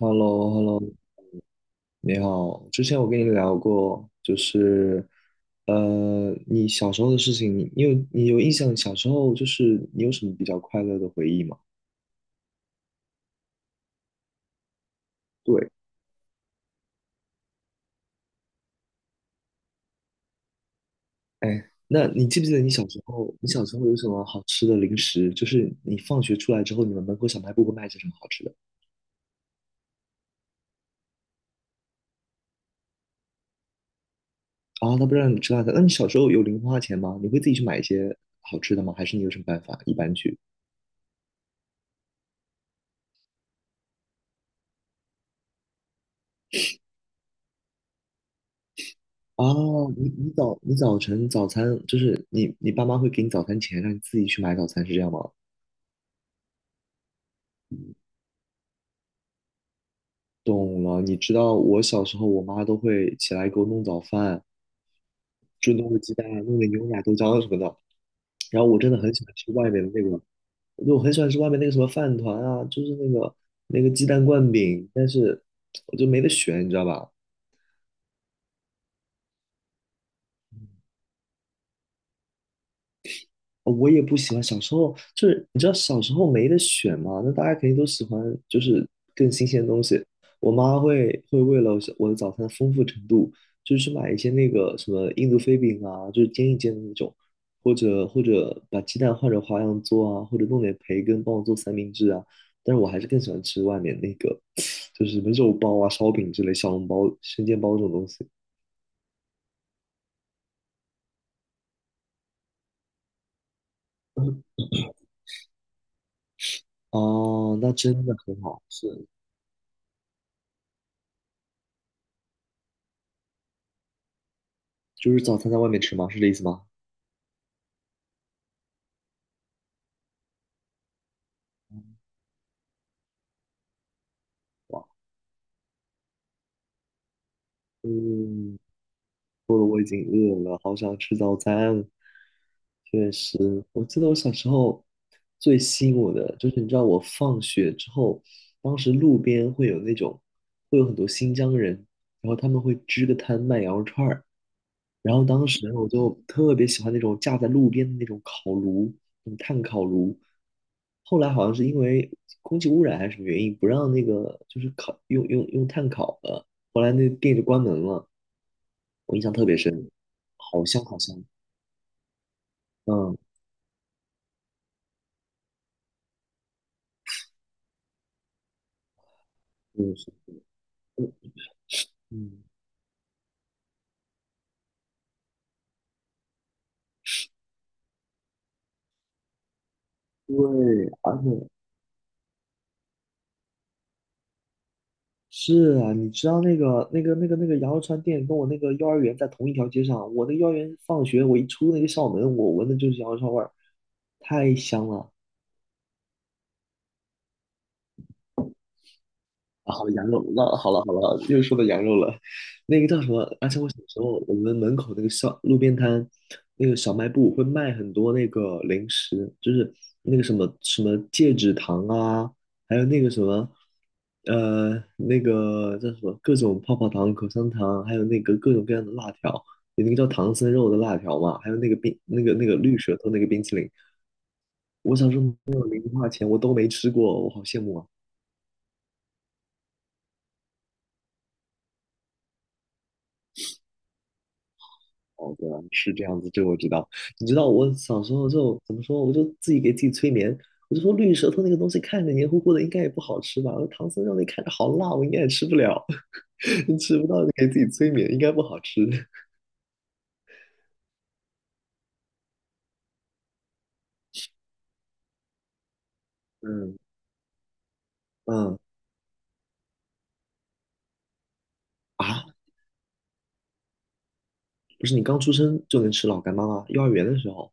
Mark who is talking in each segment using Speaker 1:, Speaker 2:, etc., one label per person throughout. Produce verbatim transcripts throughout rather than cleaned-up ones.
Speaker 1: h e l l o h e l l o 你好。之前我跟你聊过，就是，呃，你小时候的事情，你你有你有印象？小时候就是你有什么比较快乐的回忆吗？对。哎，那你记不记得你小时候，你小时候有什么好吃的零食？就是你放学出来之后，你们门口小卖部会卖些什么好吃的？啊，他不让你吃辣的。那你小时候有零花钱吗？你会自己去买一些好吃的吗？还是你有什么办法一般去？啊，你你早你早晨早餐就是你你爸妈会给你早餐钱，让你自己去买早餐，是这样吗？懂了，你知道我小时候我妈都会起来给我弄早饭，就弄个鸡蛋啊，弄点牛奶、豆浆啊什么的。然后我真的很喜欢吃外面的那个，我就很喜欢吃外面那个什么饭团啊，就是那个那个鸡蛋灌饼，但是我就没得选，你知道吧？我也不喜欢。小时候就是你知道小时候没得选嘛，那大家肯定都喜欢就是更新鲜的东西。我妈会会为了我的早餐的丰富程度，就是去买一些那个什么印度飞饼啊，就是煎一煎的那种，或者或者把鸡蛋换成花样做啊，或者弄点培根帮我做三明治啊。但是我还是更喜欢吃外面那个，就是什么肉包啊、烧饼之类、小笼包、生煎包这种东西。哦，那真的很好，是，就是早餐在外面吃吗？是这意思吗？嗯，我好想吃早餐。对，我记得我小时候最吸引我的就是，你知道我放学之后，当时路边会有那种，会有很多新疆人，然后他们会支个摊卖羊肉串儿，然后当时我就特别喜欢那种架在路边的那种烤炉，那种炭烤炉。后来好像是因为空气污染还是什么原因，不让那个就是烤用用用炭烤了，后来那店就关门了。我印象特别深，好香好香。嗯，嗯是的嗯，对，而且是啊，你知道那个那个那个那个羊肉串店跟我那个幼儿园在同一条街上，我那幼儿园放学我一出那个校门，我闻的就是羊肉串味儿，太香了。啊，好羊肉，那好了好了，又说到羊肉了。那个叫什么？而且我小时候，我们门口那个小路边摊，那个小卖部会卖很多那个零食，就是那个什么什么戒指糖啊，还有那个什么，呃，那个叫什么各种泡泡糖、口香糖，还有那个各种各样的辣条，有那个叫唐僧肉的辣条嘛，还有那个冰那个那个绿舌头那个冰淇淋。我小时候没有零花钱，我都没吃过，我好羡慕啊。哦，对啊，是这样子，这个我知道。你知道我小时候就怎么说，我就自己给自己催眠，我就说绿舌头那个东西看着黏糊糊的，应该也不好吃吧？我说唐僧肉那看着好辣，我应该也吃不了，吃不到就给自己催眠，应该不好吃。嗯嗯。啊，不是你刚出生就能吃老干妈吗？幼儿园的时候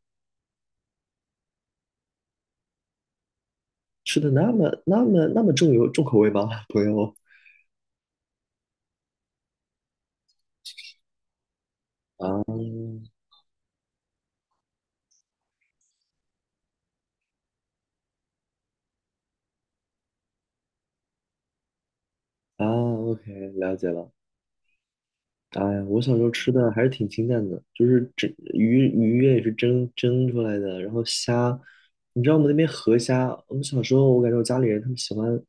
Speaker 1: 吃的那么那么那么重油重口味吗，朋友？啊，啊，OK，了解了。哎呀，我小时候吃的还是挺清淡的，就是蒸鱼鱼也是蒸蒸出来的，然后虾，你知道我们那边河虾，我们小时候我感觉我家里人他们喜欢，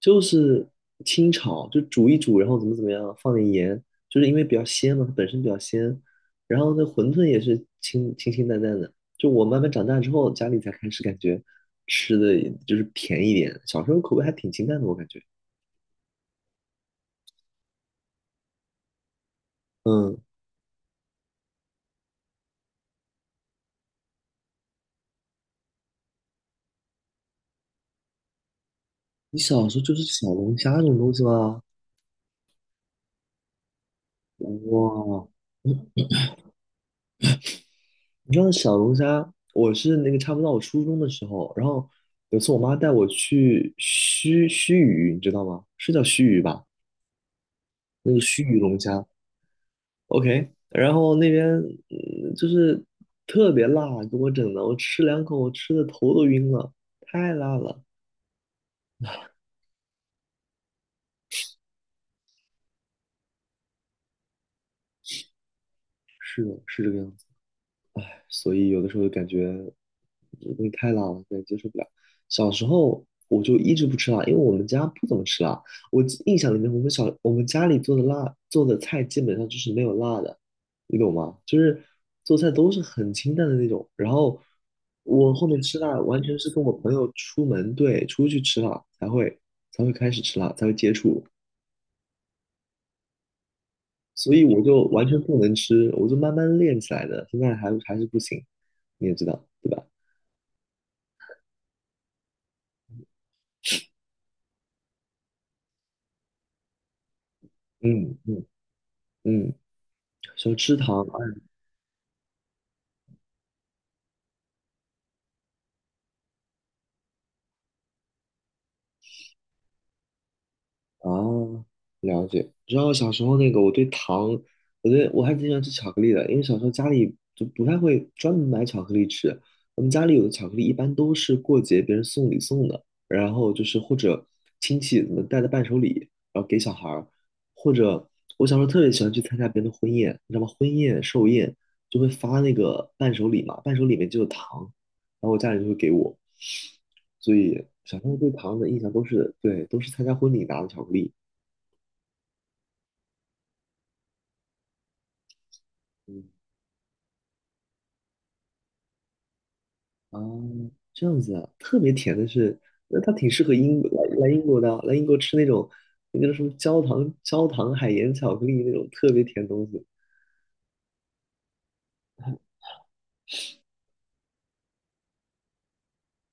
Speaker 1: 就是清炒，就煮一煮，然后怎么怎么样，放点盐，就是因为比较鲜嘛，它本身比较鲜，然后那馄饨也是清清清淡淡的，就我慢慢长大之后，家里才开始感觉吃的就是甜一点，小时候口味还挺清淡的，我感觉。嗯，你小时候就是小龙虾这种东西吗？哇，你知道小龙虾，我是那个差不多到我初中的时候，然后有次我妈带我去须须臾，你知道吗？是叫须臾吧？那个须臾龙虾，OK。然后那边嗯就是特别辣，给我整的，我吃两口，我吃的头都晕了，太辣了。是的，是这个样子。所以有的时候就感觉这东西太辣了，感觉接受不了。小时候我就一直不吃辣，因为我们家不怎么吃辣。我记印象里面，我们小我们家里做的辣做的菜基本上就是没有辣的，你懂吗？就是做菜都是很清淡的那种。然后我后面吃辣，完全是跟我朋友出门，对，出去吃辣才会才会开始吃辣，才会接触。所以我就完全不能吃，我就慢慢练起来的，现在还还是不行，你也知道，对吧？嗯嗯嗯，小吃糖，哎，啊，了解。你知道小时候那个，我对糖，我对我还挺喜欢吃巧克力的，因为小时候家里就不太会专门买巧克力吃。我们家里有的巧克力一般都是过节别人送礼送的，然后就是或者亲戚什么带的伴手礼，然后给小孩儿，或者我小时候特别喜欢去参加别人的婚宴，你知道吗？婚宴寿宴就会发那个伴手礼嘛，伴手礼里面就有糖，然后我家里就会给我，所以小时候对糖的印象都是对，都是参加婚礼拿的巧克力。嗯，啊，这样子啊，特别甜的是，那它挺适合英国来来英国的啊，来英国吃那种那个叫什么焦糖焦糖海盐巧克力那种特别甜的东西。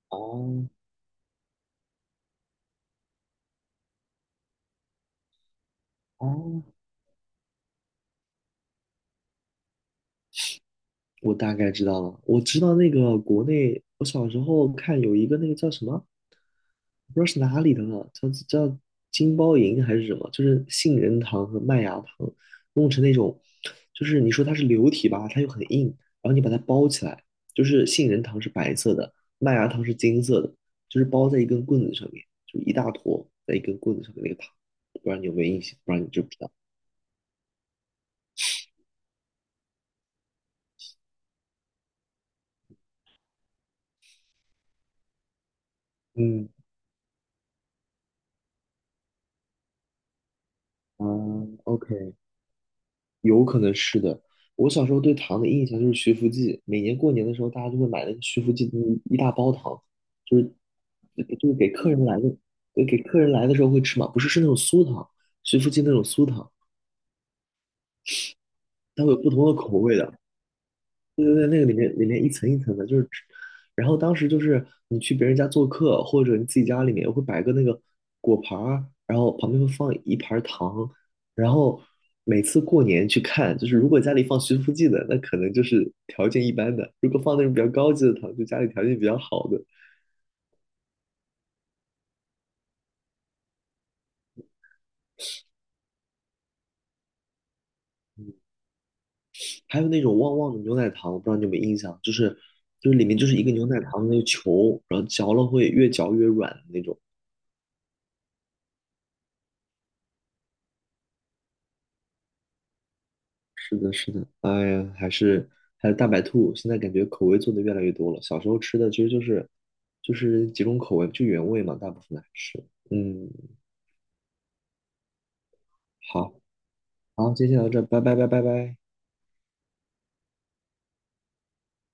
Speaker 1: 哦哦，我大概知道了，我知道那个国内，我小时候看有一个那个叫什么，不知道是哪里的了，叫叫金包银还是什么，就是杏仁糖和麦芽糖弄成那种，就是你说它是流体吧，它又很硬，然后你把它包起来，就是杏仁糖是白色的，麦芽糖是金色的，就是包在一根棍子上面，就一大坨在一根棍子上面那个糖，不然你有没有印象，不然你知不知道？嗯，啊，OK。有可能是的。我小时候对糖的印象就是徐福记，每年过年的时候，大家就会买那个徐福记的一大包糖，就是就是给客人来的，对给客人来的时候会吃嘛，不是是那种酥糖，徐福记那种酥糖，它会有不同的口味的。对对对，那个里面里面一层一层的，就是，然后当时就是你去别人家做客，或者你自己家里面会摆个那个果盘儿，然后旁边会放一盘儿糖，然后每次过年去看，就是如果家里放徐福记的，那可能就是条件一般的；如果放那种比较高级的糖，就家里条件比较好的。嗯，还有那种旺旺的牛奶糖，我不知道你有没有印象，就是就是里面就是一个牛奶糖的那个球，然后嚼了会越嚼越软的那种。是的，是的，哎呀，还是还有大白兔，现在感觉口味做的越来越多了。小时候吃的其实就是就是几种口味，就原味嘛，大部分还是。嗯，好，好，今天先到这儿，拜拜，拜拜，拜。